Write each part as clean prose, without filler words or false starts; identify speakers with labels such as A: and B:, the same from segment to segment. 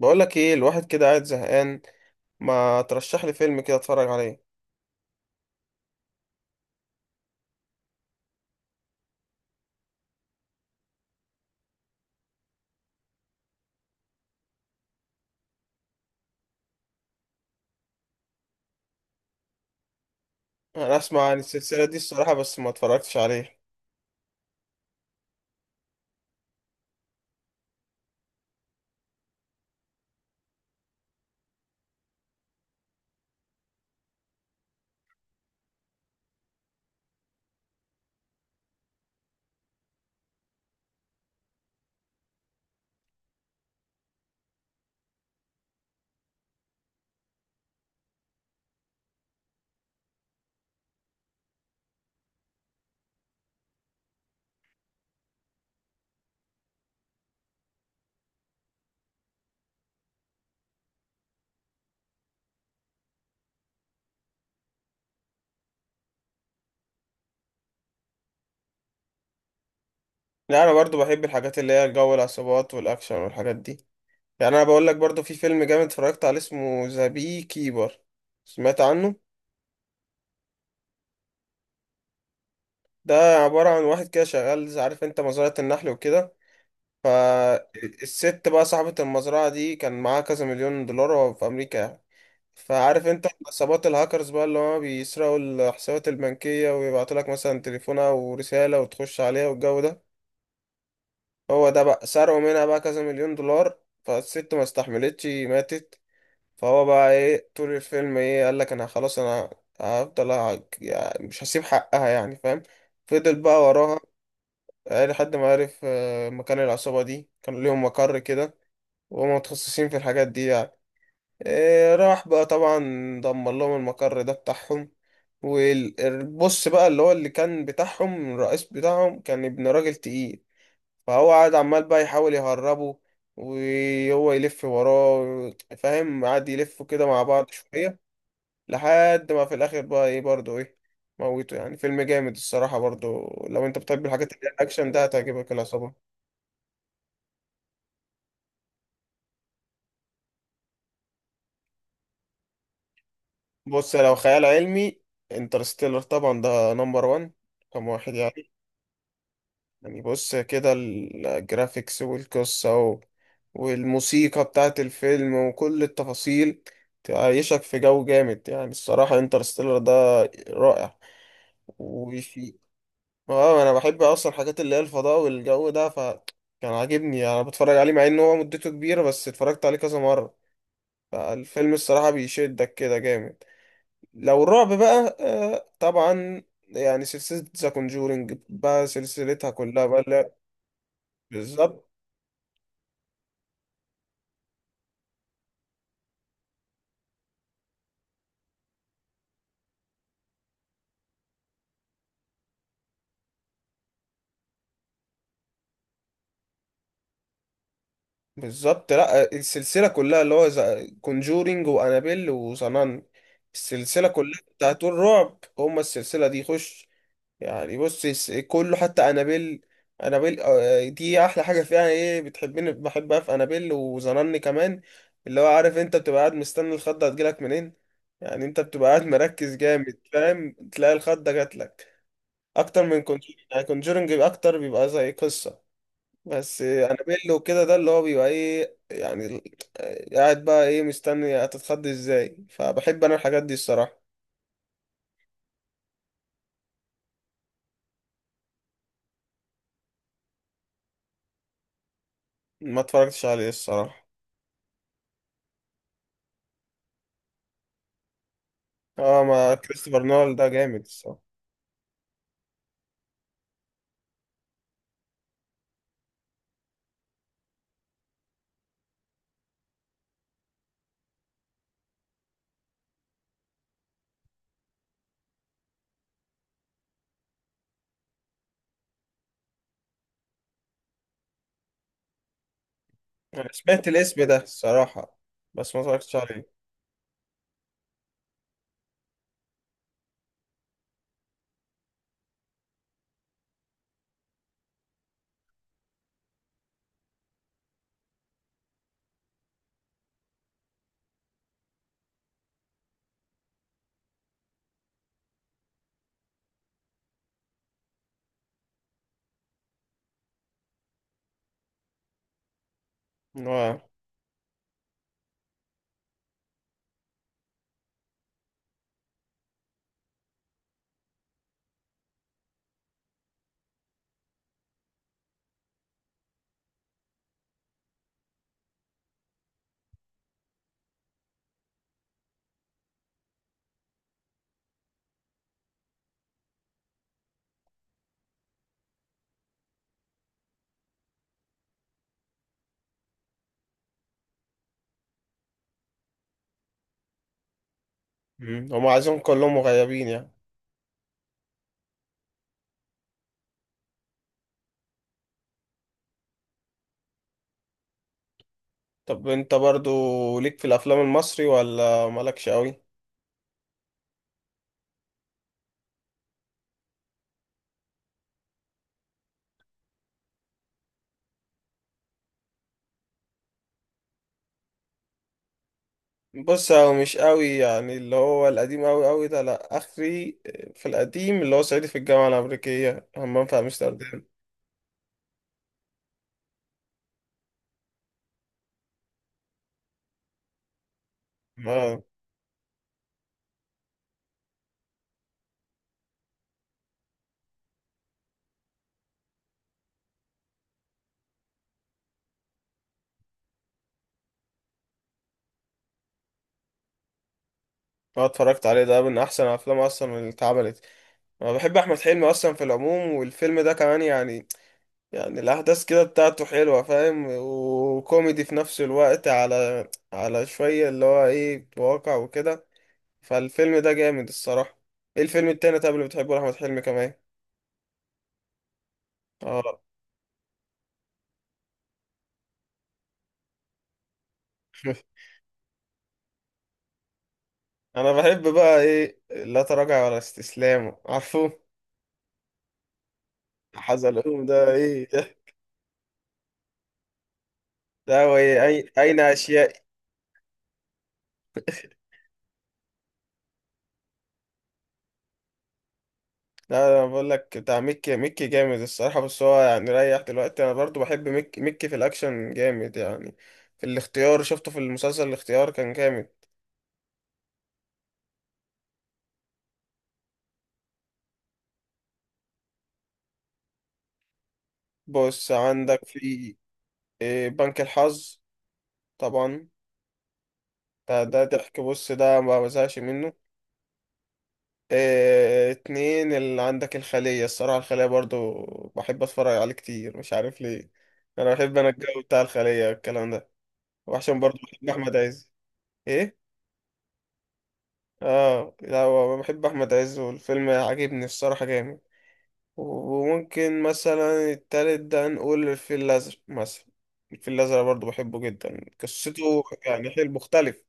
A: بقول لك ايه، الواحد كده قاعد زهقان. ما ترشح لي فيلم كده اتفرج عليه. انا اسمع عن السلسله دي الصراحه، بس ما اتفرجتش عليه. لا انا برضو بحب الحاجات اللي هي جو العصابات والاكشن والحاجات دي. يعني انا بقول لك برضو في فيلم جامد اتفرجت عليه اسمه ذا بي كيبر. سمعت عنه؟ ده عباره عن واحد كده شغال عارف انت مزرعه النحل وكده. فالست بقى صاحبه المزرعه دي كان معاها كذا مليون دولار في امريكا يعني. فعارف انت عصابات الهاكرز بقى اللي هما بيسرقوا الحسابات البنكية ويبعتوا لك مثلا تليفون او رسالة وتخش عليها والجو ده. هو ده بقى سرقوا منها بقى كذا مليون دولار. فالست ما استحملتش ماتت. فهو بقى ايه طول الفيلم، ايه، قال لك انا خلاص انا هفضل. يعني مش هسيب حقها، يعني فاهم. فضل بقى وراها. إيه، لحد ما عرف مكان العصابة دي كان ليهم مقر كده. وهم متخصصين في الحاجات دي يعني. راح بقى طبعا، دمر لهم المقر ده بتاعهم. والبص بقى اللي هو اللي كان بتاعهم، الرئيس بتاعهم، كان ابن راجل تقيل. فهو قعد عمال بقى يحاول يهربه، وهو يلف وراه. فاهم؟ قعد يلفوا كده مع بعض شوية لحد ما في الآخر بقى ايه، برضه ايه، موته. يعني فيلم جامد الصراحة، برضه لو انت بتحب الحاجات اللي هي الأكشن ده هتعجبك العصابة. بص، لو خيال علمي، انترستيلر طبعا ده نمبر وان، رقم واحد يعني. يعني بص كده الجرافيكس والقصة والموسيقى بتاعت الفيلم وكل التفاصيل، تعيشك في جو جامد يعني. الصراحة انترستيلر ده رائع. وفي، اه، انا بحب اصلا الحاجات اللي هي الفضاء والجو ده، فكان عاجبني يعني. انا بتفرج عليه مع ان هو مدته كبيرة، بس اتفرجت عليه كذا مرة. فالفيلم الصراحة بيشدك كده جامد. لو الرعب بقى، آه طبعا، يعني سلسلة ذا كونجورينج بقى، سلسلتها كلها بقى بالظبط. بالظبط، لا السلسلة كلها، اللي هو كونجورينج وأنابيل وصنان، السلسلة كلها بتاعت الرعب، هما السلسلة دي خش يعني. بص كله حتى أنابيل. أنابيل، آه، دي أحلى حاجة فيها، إيه بتحبني بحبها في أنابيل وظنني كمان، اللي هو عارف أنت بتبقى قاعد مستني الخضة هتجيلك منين. يعني أنت بتبقى قاعد مركز جامد، فاهم، تلاقي الخضة جاتلك أكتر من كونجورينج. يعني كونجورينج أكتر بيبقى زي قصة، بس انابيل وكده ده اللي هو بيبقى ايه يعني، قاعد بقى ايه مستني هتتخض ازاي. فبحب انا الحاجات دي الصراحة. ما اتفرجتش عليه الصراحة. اه، ما كريستوفر نول ده جامد الصراحة. انا سمعت الاسم ده الصراحة، بس ما اتفرجتش عليه. اه. مم. هما عايزين كلهم غيابين يعني. طب انت برضو ليك في الافلام المصري ولا مالكش قوي؟ بص، هو مش قوي يعني، اللي هو القديم قوي قوي ده لا اخري. في القديم اللي هو صعيدي في الجامعه الامريكيه، همام في امستردام. اه اه، اتفرجت عليه، ده من احسن افلام اصلا اللي اتعملت. انا بحب احمد حلمي اصلا في العموم، والفيلم ده كمان يعني. يعني الاحداث كده بتاعته حلوه، فاهم، وكوميدي في نفس الوقت، على على شويه اللي هو ايه واقع وكده. فالفيلم ده جامد الصراحه. ايه الفيلم التاني طب اللي بتحبه لاحمد حلمي كمان؟ اه، انا بحب بقى ايه لا تراجع ولا استسلام، عارفه؟ حزلقوم ده ايه ده؟ ده هو ايه اين اشياء. لا انا بقول لك بتاع ميكي، ميكي جامد الصراحه، بس هو يعني ريح دلوقتي. انا برضو بحب ميكي، ميكي في الاكشن جامد يعني. في الاختيار، شفته في المسلسل الاختيار، كان جامد. بص عندك في، إيه، بنك الحظ طبعا. ده ده ضحك، بص ده ما بزهقش منه. اتنين اللي عندك الخلية. الصراحة الخلية برضو بحب اتفرج عليه كتير، مش عارف ليه. انا بحب انا الجو بتاع الخلية، الكلام ده. وعشان برضو بحب احمد عز. ايه؟ اه. لا هو بحب احمد عز والفيلم عاجبني الصراحة جامد. وممكن مثلا التالت ده نقول الفيل الازرق مثلا. الفيل الازرق برضو بحبه جدا، قصته يعني حلو مختلف.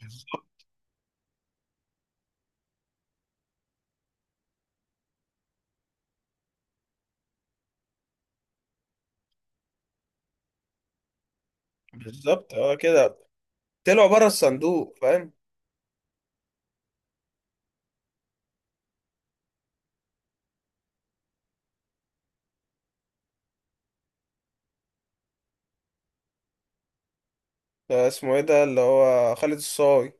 A: بالظبط. بالظبط، اه كده، طلعوا بره الصندوق فاهم. ده اسمه ايه ده اللي هو خالد الصاوي؟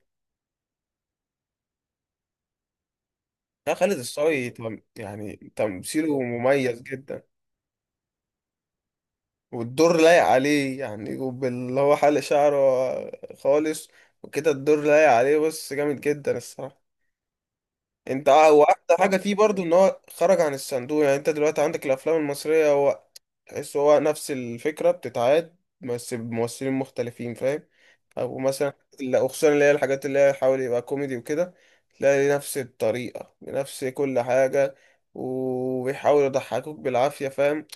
A: لا خالد الصاوي، يعني تمثيله مميز جدا. والدور لايق عليه، يعني وباللي هو حلق شعره خالص وكده، الدور لايق عليه، بس جامد جدا الصراحة. انت، اه، واحلى حاجة فيه برضو ان هو خرج عن الصندوق. يعني انت دلوقتي عندك الافلام المصرية، هو تحس هو نفس الفكرة بتتعاد، بس بممثلين مختلفين فاهم. او مثلا لا، وخصوصا اللي هي الحاجات اللي هي حاول يبقى كوميدي وكده، تلاقي نفس الطريقة بنفس كل حاجة، وبيحاول يضحكوك بالعافية فاهم.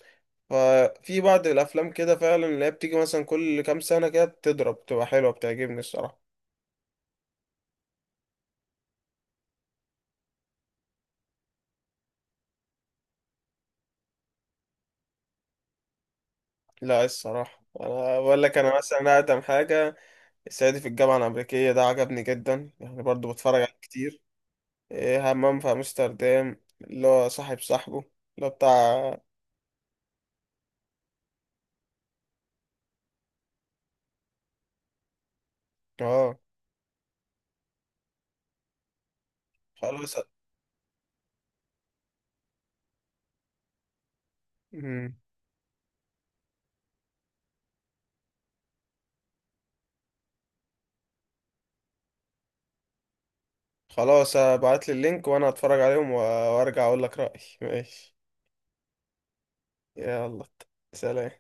A: ففي بعض الأفلام كده فعلا اللي هي بتيجي مثلا كل كام سنة كده بتضرب بتبقى حلوة، بتعجبني الصراحة. لا الصراحة أنا بقول لك، أنا مثلا أقدم حاجة الصعيدي في الجامعة الأمريكية ده عجبني جدا، يعني برضو بتفرج عليه كتير. إيه، همام في أمستردام اللي هو صاحب صاحبه اللي هو بتاع. اه خلاص. مم. خلاص ابعت لي اللينك وانا اتفرج عليهم وارجع اقول لك رأيي ماشي. يلا، سلام.